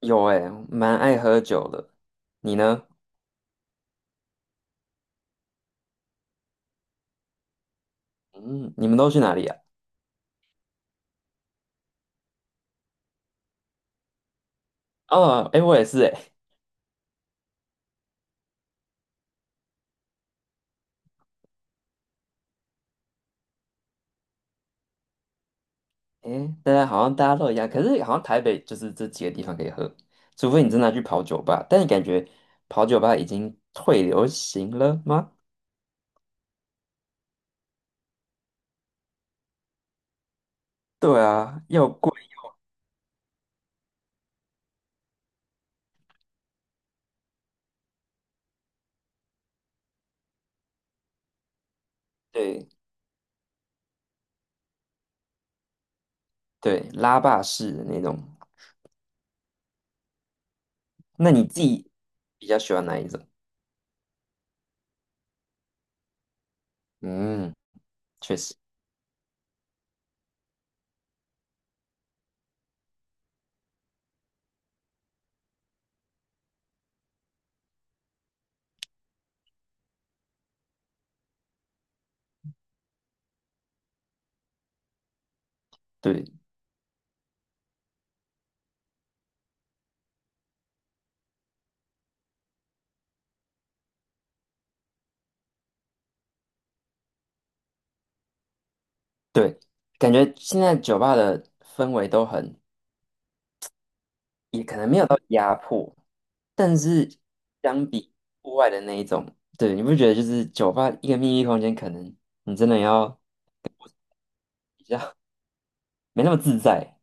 有哎、蛮爱喝酒的。你呢？嗯，你们都去哪里啊？哦，哎、我也是哎、诶哎、大家都一样，可是好像台北就是这几个地方可以喝，除非你真的去跑酒吧，但你感觉跑酒吧已经退流行了吗？对啊，又贵，对对，拉霸式的那种。那你自己比较喜欢哪一种？嗯，确实，对对，感觉现在酒吧的氛围都很也可能没有到压迫，但是相比户外的那一种，对，你不觉得就是酒吧一个秘密闭空间，可能你真的要比较没那么自在。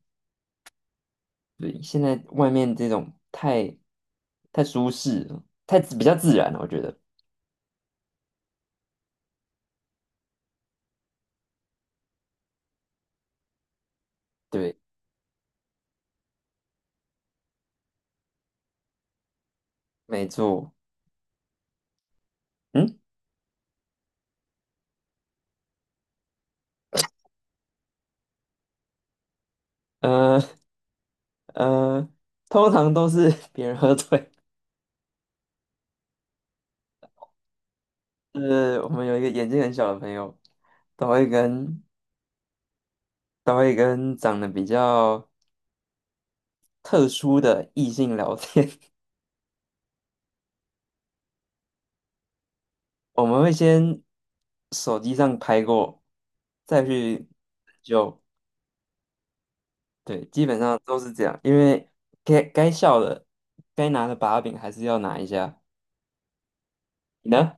对，现在外面这种太舒适了，比较自然了，我觉得。对，没错。嗯，呃呃，通常都是 别人喝醉。就是我们有一个眼睛很小的朋友，都会跟都会跟长得比较特殊的异性聊天。我们会先手机上拍过，再去就对，基本上都是这样。因为该笑的、该拿的把柄还是要拿一下。你呢？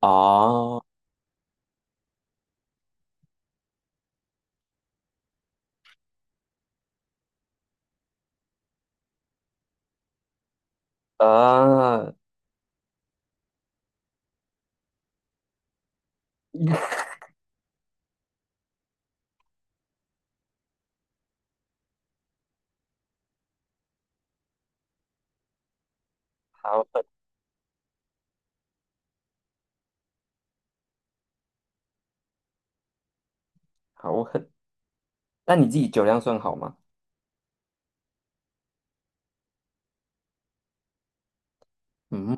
哦，啊，好狠，好狠！那你自己酒量算好吗？嗯，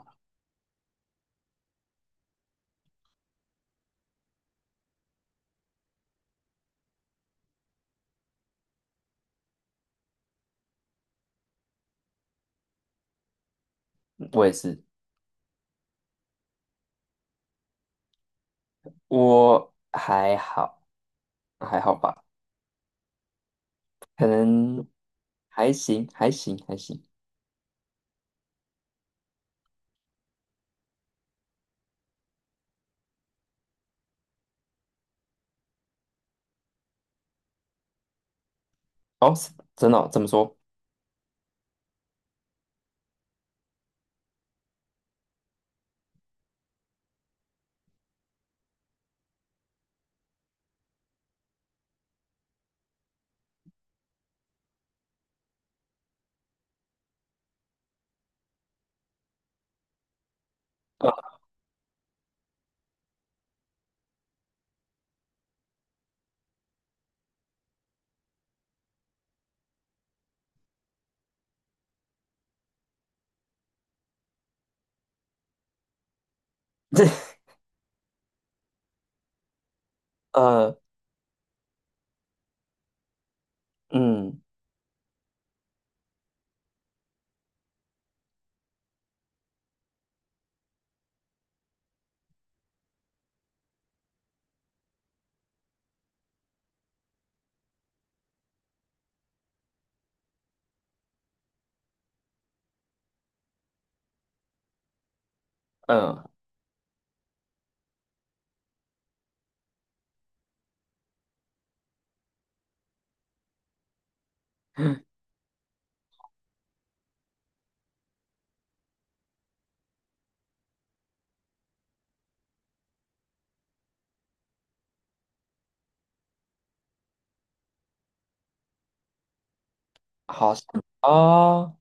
我也是，我还好，还好吧，可能还行。哦，是真的哦，怎么说？呃，这呃，嗯嗯。好像哦，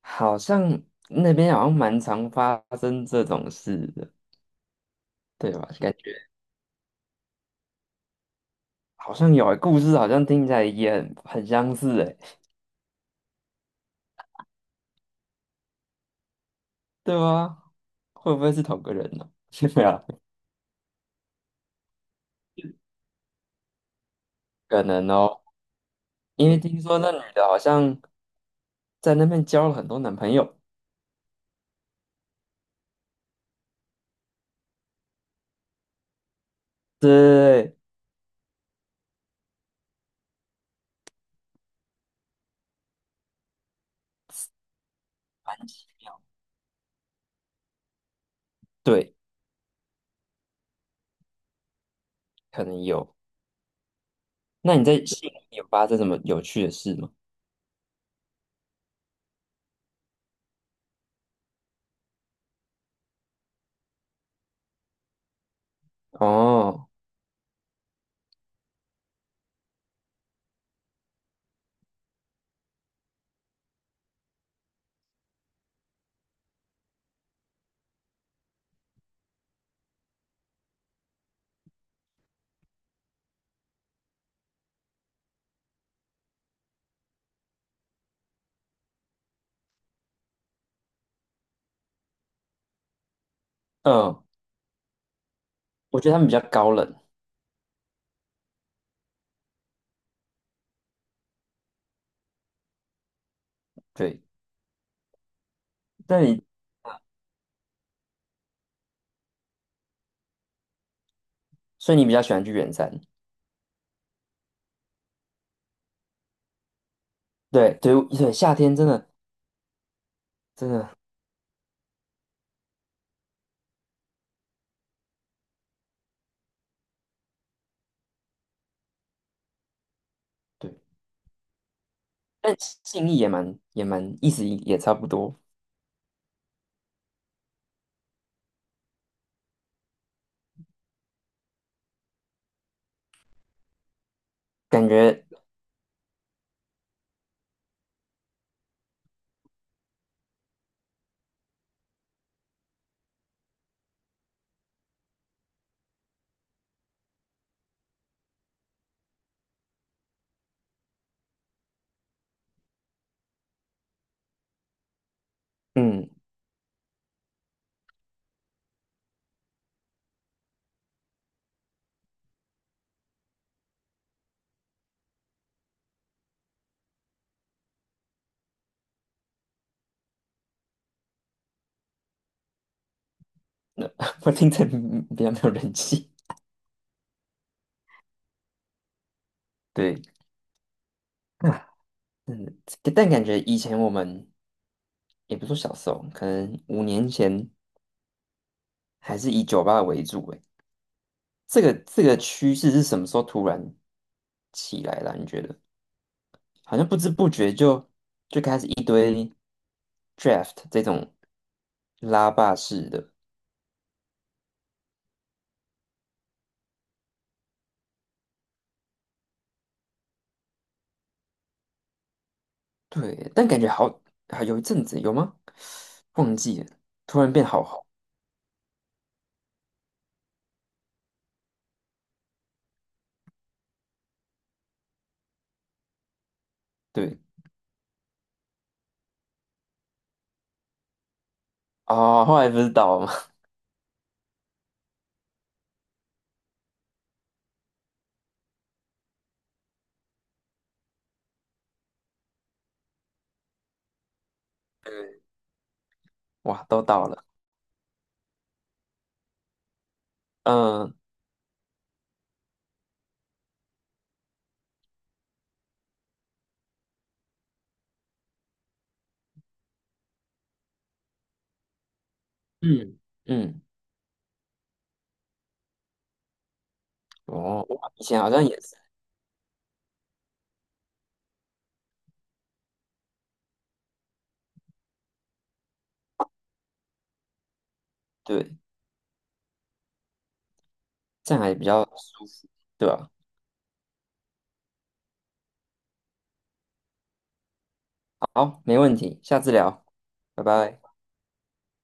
好像那边好像蛮常发生这种事的，对吧？感觉好像有欸，故事好像听起来也很相似，哎，对吗？会不会是同个人呢、对啊，可能哦，因为听说那女的好像在那边交了很多男朋友，对，蛮对，可能有。那你在悉尼有发生什么有趣的事吗？哦，嗯，我觉得他们比较高冷，对，但你，所以你比较喜欢去远山。对对对，夏天真的真的对，但信意也蛮意思也差不多，感觉嗯，我听着嗯比较没有人气。对啊，真的，但感觉以前我们也不是说小时候，可能5年前还是以酒吧为主。诶，这个趋势是什么时候突然起来了啊？你觉得好像不知不觉就开始一堆 draft 这种拉霸式的。对，但感觉好啊，有一阵子有吗？忘记了，突然变好，对，啊，后来不是倒了吗？对，哇，都倒了。嗯嗯，嗯，哦，哇以前好像也是，对，这样还比较舒服，对吧？好，没问题，下次聊，拜拜。